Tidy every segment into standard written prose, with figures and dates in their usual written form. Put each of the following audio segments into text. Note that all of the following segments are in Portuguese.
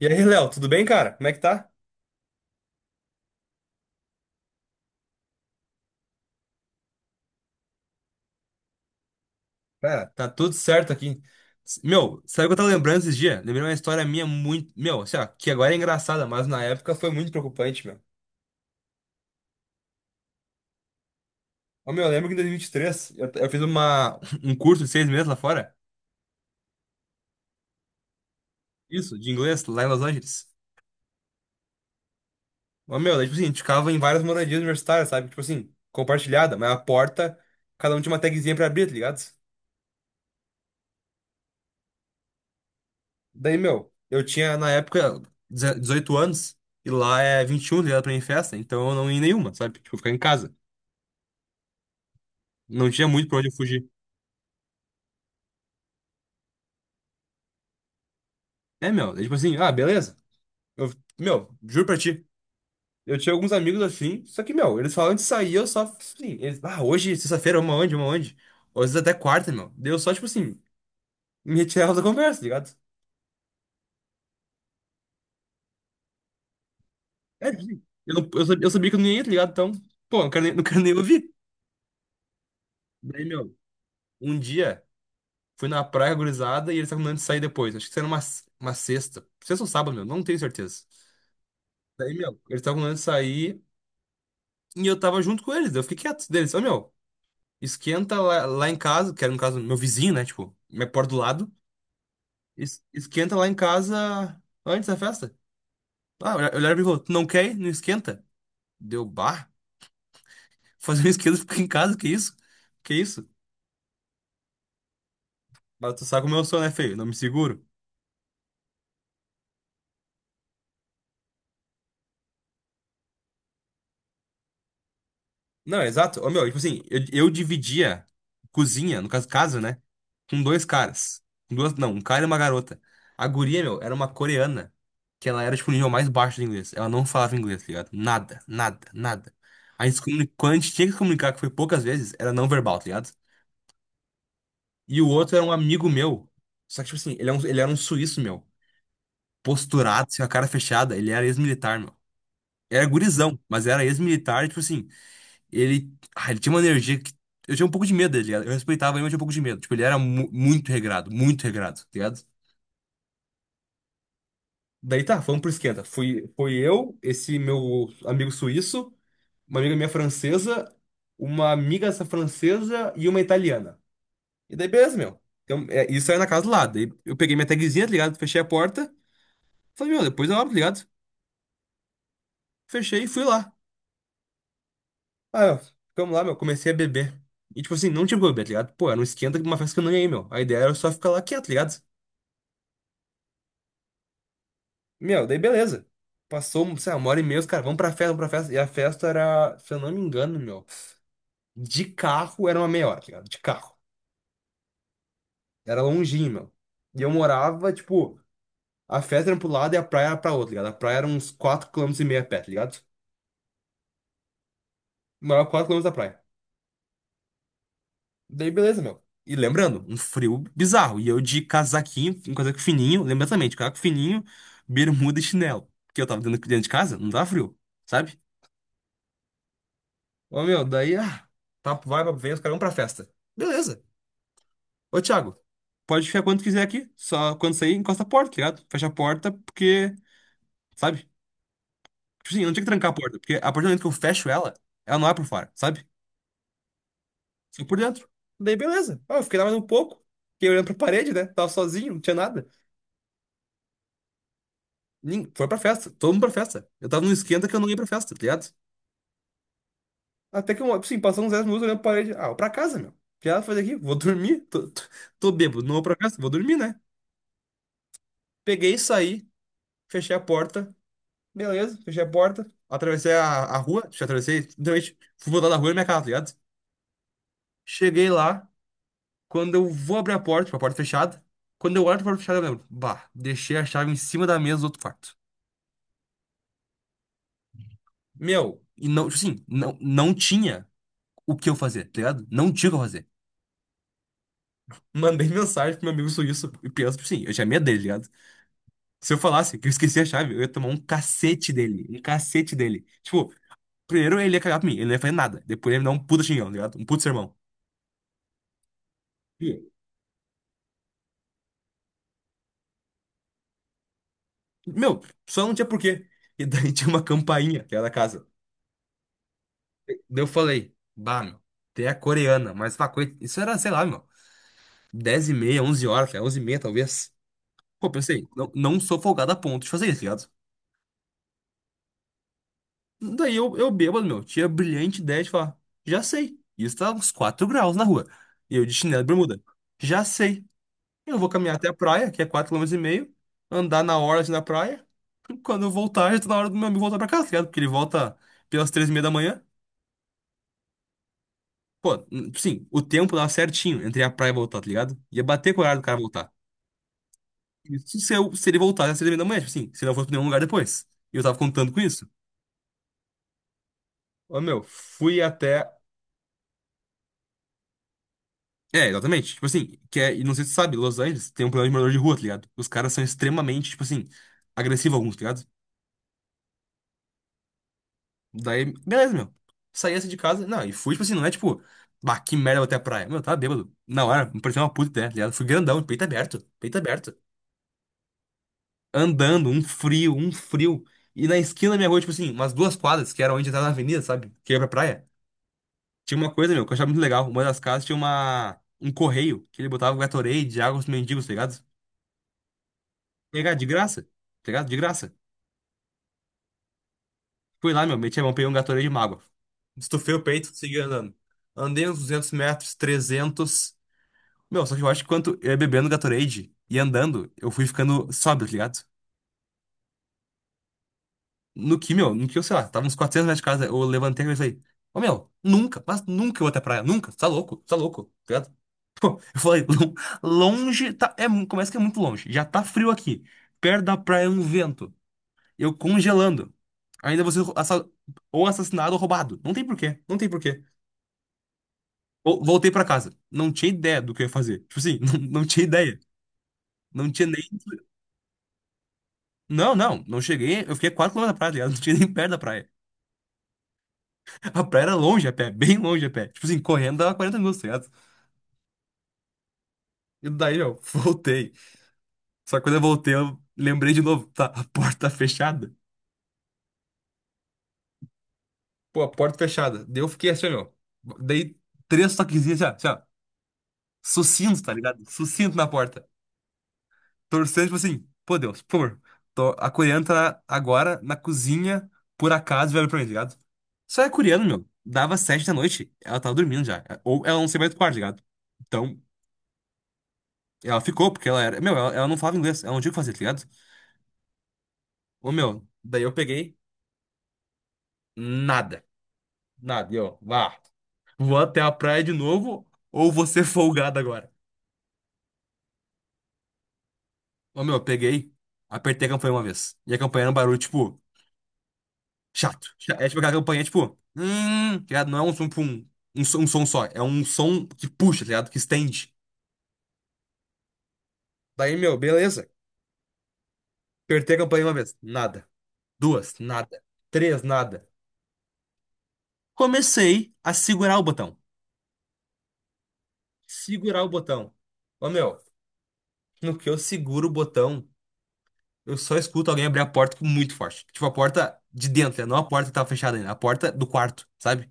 E aí, Léo, tudo bem, cara? Como é que tá? Cara, tá tudo certo aqui. Meu, sabe o que eu tava lembrando esses dias? Lembrei uma história minha muito. Meu, assim, ó, que agora é engraçada, mas na época foi muito preocupante, meu. Ó, meu, eu lembro que em 2023 eu fiz um curso de 6 meses lá fora. Isso, de inglês, lá em Los Angeles. Ó, meu, daí, tipo assim, a gente ficava em várias moradias universitárias, sabe? Tipo assim, compartilhada, mas a porta, cada um tinha uma tagzinha pra abrir, tá ligado? Daí, meu, eu tinha na época 18 anos e lá é 21, tá ligado pra ir em festa, então eu não ia em nenhuma, sabe? Tipo, ficar em casa. Não tinha muito pra onde eu fugir. É, meu, é tipo assim, ah, beleza. Eu, meu, juro pra ti. Eu tinha alguns amigos assim, só que, meu, eles falam de sair, eu só, assim, eles, ah, hoje, sexta-feira, uma onde, uma onde? Ou às vezes até quarta, meu. Daí eu só, tipo assim, me retirava da conversa, tá ligado? É, tipo assim, eu, não- eu sabia que eu não ia, tá ligado? Então, pô, não quero nem ouvir. Daí, meu, um dia. Fui na praia, gurizada, e eles estavam combinando de sair depois. Acho que era uma sexta. Sexta ou sábado, meu, não tenho certeza. Daí, meu, eles estavam combinando de sair e eu tava junto com eles. Daí eu fiquei quieto deles. Ô, meu, esquenta lá, lá em casa, que era no caso meu vizinho, né? Tipo, minha porta do lado. Esquenta lá em casa antes da festa. Ah, eu olhava pra mim e falou: "Tu não quer ir? Não esquenta? Deu bar? Fazer um esquenta, fica em casa, que isso? Que isso?" Mas tu sabe como eu sou, né, feio? Não me seguro. Não, exato. Ô, meu, tipo assim, eu dividia cozinha, no caso, casa, né? Com dois caras. Com duas, não, um cara e uma garota. A guria, meu, era uma coreana, que ela era, tipo, o nível mais baixo de inglês. Ela não falava inglês, tá ligado? Nada, nada, nada. A gente, se comuni- quando a gente tinha que se comunicar, que foi poucas vezes, era não verbal, tá ligado? E o outro era um amigo meu. Só que, tipo assim, ele era um suíço, meu. Posturado, assim, com a cara fechada. Ele era ex-militar, meu. Era gurizão, mas era ex-militar, tipo assim. Ele tinha uma energia que. Eu tinha um pouco de medo dele, ligado? Eu respeitava ele, mas tinha um pouco de medo. Tipo, ele era muito regrado, tá ligado? Daí tá, vamos pro esquenta. Fui, foi eu, esse meu amigo suíço, uma amiga minha francesa, uma amiga essa francesa e uma italiana. E daí, beleza, meu. Então, é, isso aí é na casa do lado. Daí eu peguei minha tagzinha, tá ligado? Fechei a porta. Falei, meu, depois eu abro, tá ligado? Fechei e fui lá. Ah, meu, ficamos lá, meu. Comecei a beber. E, tipo assim, não tinha como beber, tá ligado? Pô, era um esquenta de uma festa que eu não ia ir, meu. A ideia era só ficar lá quieto, tá ligado? Meu, daí beleza. Passou, sei lá, uma hora e meia, os caras, vamos pra festa, vamos pra festa. E a festa era, se eu não me engano, meu, de carro era uma meia hora, tá ligado? De carro. Era longinho, meu. E eu morava, tipo, a festa era pro lado e a praia era pra outro, tá ligado? A praia era uns 4 quilômetros e meio a pé, tá ligado? Morava 4 quilômetros da praia. Daí beleza, meu. E lembrando, um frio bizarro. E eu de casaquinho, um casaco fininho, lembra também, de casaco fininho, bermuda e chinelo. Porque eu tava dentro, dentro de casa, não tava frio, sabe? Ô, meu, daí, ah, tá, vai, vem os caras vão pra festa. Beleza. Ô, Thiago, pode ficar quando quiser aqui. Só quando sair, encosta a porta, tá ligado? Fecha a porta, porque, sabe? Tipo assim, eu não tinha que trancar a porta, porque a partir do momento que eu fecho ela, ela não é por fora, sabe? Só por dentro. Daí, beleza. Ah, eu fiquei lá mais um pouco, fiquei olhando pra parede, né? Tava sozinho, não tinha nada. Foi pra festa, todo mundo pra festa. Eu tava num esquenta que eu não ia pra festa, tá ligado? Até que, eu, tipo assim, passou uns 10 minutos olhando pra parede. Ah, vou pra casa, meu. O que ela faz aqui? Vou dormir. Tô bêbado, não vou pra casa, vou dormir, né? Peguei e saí. Fechei a porta. Beleza, fechei a porta. Atravessei a rua. Deixa eu atravessei. Literalmente, fui voltar da rua e minha casa, tá ligado? Cheguei lá. Quando eu vou abrir a porta, tipo, a porta fechada. Quando eu olho pra porta fechada, eu lembro. Bah, deixei a chave em cima da mesa do outro quarto. Meu, e não, tipo assim, não tinha o que eu fazer, tá ligado? Não tinha o que eu fazer. Mandei mensagem pro meu amigo suíço e penso, tipo assim, eu tinha medo dele, tá ligado? Se eu falasse que eu esqueci a chave, eu ia tomar um cacete dele. Um cacete dele. Tipo, primeiro ele ia cagar pra mim, ele não ia fazer nada. Depois ele ia me dar um puta xingão, tá ligado? Um puta sermão. E, meu, só não tinha porquê. E daí tinha uma campainha que era da casa. Daí eu falei, bah, meu, tem a coreana, mas pá, isso era, sei lá, meu, 10 e meia, 11 horas, cara, 11h30 talvez. Pô, pensei, não, não sou folgado a ponto de fazer isso, tá ligado? Daí eu bêbado, meu, tinha a brilhante ideia de falar, já sei, isso tá uns 4 graus na rua. E eu de chinelo e bermuda, já sei, eu vou caminhar até a praia, que é quatro km e meio, andar na hora assim na praia, quando eu voltar, já tá na hora do meu amigo voltar pra casa, tá ligado? Porque ele volta pelas 3h30 da manhã. Pô, sim, o tempo dava certinho entre a praia e voltar, tá ligado? Ia bater com o horário do cara voltar. Isso se, eu, se ele voltasse às 6 da manhã, tipo assim, se não fosse pra nenhum lugar depois. E eu tava contando com isso. Ô, meu, fui até. É, exatamente. Tipo assim, que é, e não sei se tu sabe, Los Angeles tem um problema de morador de rua, tá ligado? Os caras são extremamente, tipo assim, agressivos alguns, tá ligado? Daí, beleza, meu. Saí assim de casa, não, e fui, tipo assim, não é tipo, bah, que merda, vou até a praia. Meu, eu tava bêbado. Na hora, me parecia uma puta ideia, tá ligado? Fui grandão, peito aberto, peito aberto. Andando, um frio, um frio. E na esquina da minha rua, tipo assim, umas 2 quadras, que era onde entrava na avenida, sabe? Que ia pra praia. Tinha uma coisa, meu, que eu achava muito legal. Uma das casas tinha um correio, que ele botava Gatorade, água pros mendigos, tá ligado? Pegar de graça, tá ligado? De graça. Fui lá, meu, meti a mão, peguei um Gatorade de mágoa. Estufei o peito, segui andando. Andei uns 200 metros, 300. Meu, só que eu acho que quanto eu ia bebendo Gatorade e andando, eu fui ficando sóbrio, tá ligado? No que, meu, no que eu, sei lá, tava uns 400 metros de casa, eu levantei e falei, ô meu, nunca, mas nunca eu vou até a praia, nunca, tá louco, tá louco, tá ligado? Pô, eu falei, longe, tá, é, começa que é muito longe, já tá frio aqui, perto da praia é um vento, eu congelando, ainda você ou assassinado ou roubado, não tem porquê, não tem porquê." Voltei pra casa, não tinha ideia do que eu ia fazer, tipo assim, não, não tinha ideia, não tinha nem. Não, não, não cheguei, eu fiquei quatro km da praia, tá ligado? Não tinha nem perto da praia. A praia era longe a pé, bem longe a pé. Tipo assim, correndo dava 40 minutos, tá ligado? E daí, ó, voltei. Só que quando eu voltei, eu lembrei de novo, tá, a porta tá fechada. Pô, a porta fechada. Daí eu fiquei assim, ó. Meu. Dei três toquezinhos, assim, ó. Assim, ó. Sucinto, tá ligado? Sucinto na porta. Torcendo, tipo assim, pô, Deus, por favor. Tô, a coreana tá agora na cozinha, por acaso, velho pra mim, tá ligado? Só é coreano, meu. Dava 7 da noite, ela tava dormindo já. Ou ela não sei mais do quarto, tá ligado? Então, ela ficou, porque ela era. Meu, ela não falava inglês, ela não tinha o que fazer, tá ligado? Ô, meu, daí eu peguei nada. Nada. E eu, vá, vou até a praia de novo, ou vou ser folgado agora. Ô, meu, eu peguei, apertei a campanha uma vez. E a campanha era um barulho, tipo, chato. É tipo aquela campanha, tipo, tá ligado? Não é um som, tipo, um som só. É um som que puxa, tá ligado? Que estende. Daí, meu, beleza. Apertei a campanha uma vez. Nada. Duas, nada. Três, nada. Comecei a segurar o botão, segurar o botão. Ô, meu, no que eu seguro o botão, eu só escuto alguém abrir a porta com muito forte. Tipo, a porta de dentro, né? Não a porta que tava fechada ainda, a porta do quarto, sabe?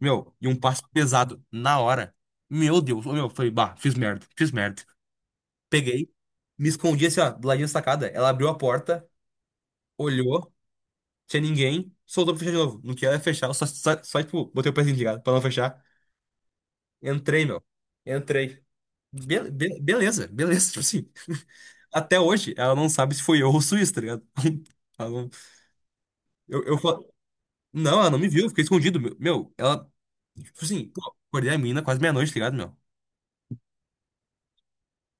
Meu, e um passo pesado na hora. Meu Deus, ô, meu, foi, bah, fiz merda, fiz merda. Peguei, me escondi assim, ó, do ladinho da sacada. Ela abriu a porta, olhou, tinha ninguém, soltou pra fechar de novo. No que ela ia fechar, eu só, tipo, botei o pezinho de gato pra não fechar. Entrei, meu, entrei. Beleza, beleza, tipo assim. Até hoje, ela não sabe se foi eu ou o Suíço, tá ligado? Ela não- Eu falo. Não, ela não me viu, eu fiquei escondido. Meu, ela. Tipo assim, pô, acordei a mina quase meia-noite, tá ligado, meu?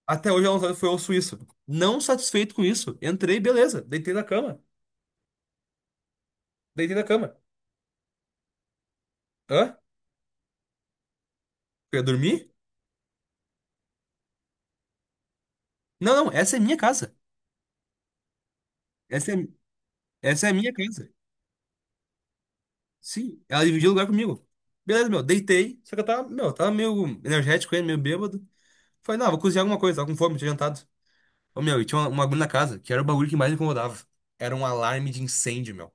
Até hoje ela não sabe se foi eu ou o Suíço. Não satisfeito com isso, entrei, beleza. Deitei na cama. Deitei na cama. Hã? Eu ia dormir? Não, não, essa é minha casa. Essa é, essa é a minha casa. Sim, ela dividiu lugar comigo. Beleza, meu, deitei. Só que eu tava, meu, eu tava meio energético ainda, meio bêbado. Falei, não, vou cozinhar alguma coisa, tava com fome, tinha jantado. Ô, meu, e tinha um bagulho na casa, que era o bagulho que mais me incomodava. Era um alarme de incêndio, meu.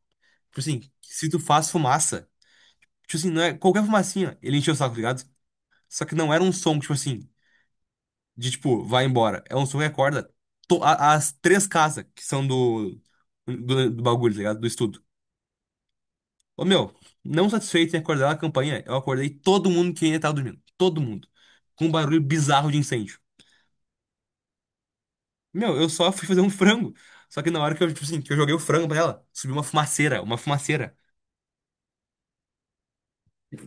Tipo assim, se tu faz fumaça, tipo assim, não é qualquer fumacinha, ele encheu o saco, tá ligado? Só que não era um som, tipo assim, de tipo, vai embora. É um som que acorda as três casas que são do bagulho, tá ligado? Do estudo. Ô, meu, não satisfeito em acordar na campanha, eu acordei todo mundo que ainda tava dormindo. Todo mundo. Com um barulho bizarro de incêndio. Meu, eu só fui fazer um frango. Só que na hora que eu, tipo assim, que eu joguei o frango pra ela, subiu uma fumaceira, uma fumaceira.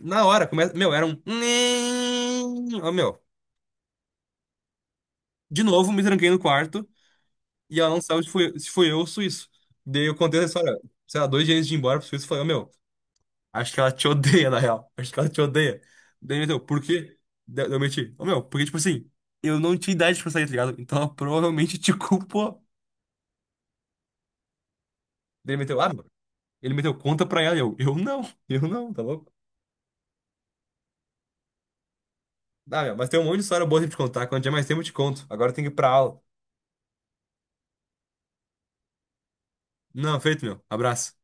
Na hora, começa. Meu, era um. Ó, meu. De novo, me tranquei no quarto e ela não sabe se foi eu ou o Suíço. Daí eu contei essa história, sei lá, dois dias antes de ir embora pro Suíço, eu falei, ô, meu, acho que ela te odeia, na real. Acho que ela te odeia. Daí ele meteu, por quê? Daí eu meti, ô, meu, porque, tipo assim, eu não tinha idade pra sair, tá ligado? Então ela provavelmente te culpou. Daí ele meteu, ah, meu. Ele meteu, conta pra ela. E eu não, tá louco? Dá, meu, mas tem um monte de história boa pra te contar. Quando tiver mais tempo, eu te conto. Agora eu tenho que ir pra aula. Não, feito, meu. Abraço.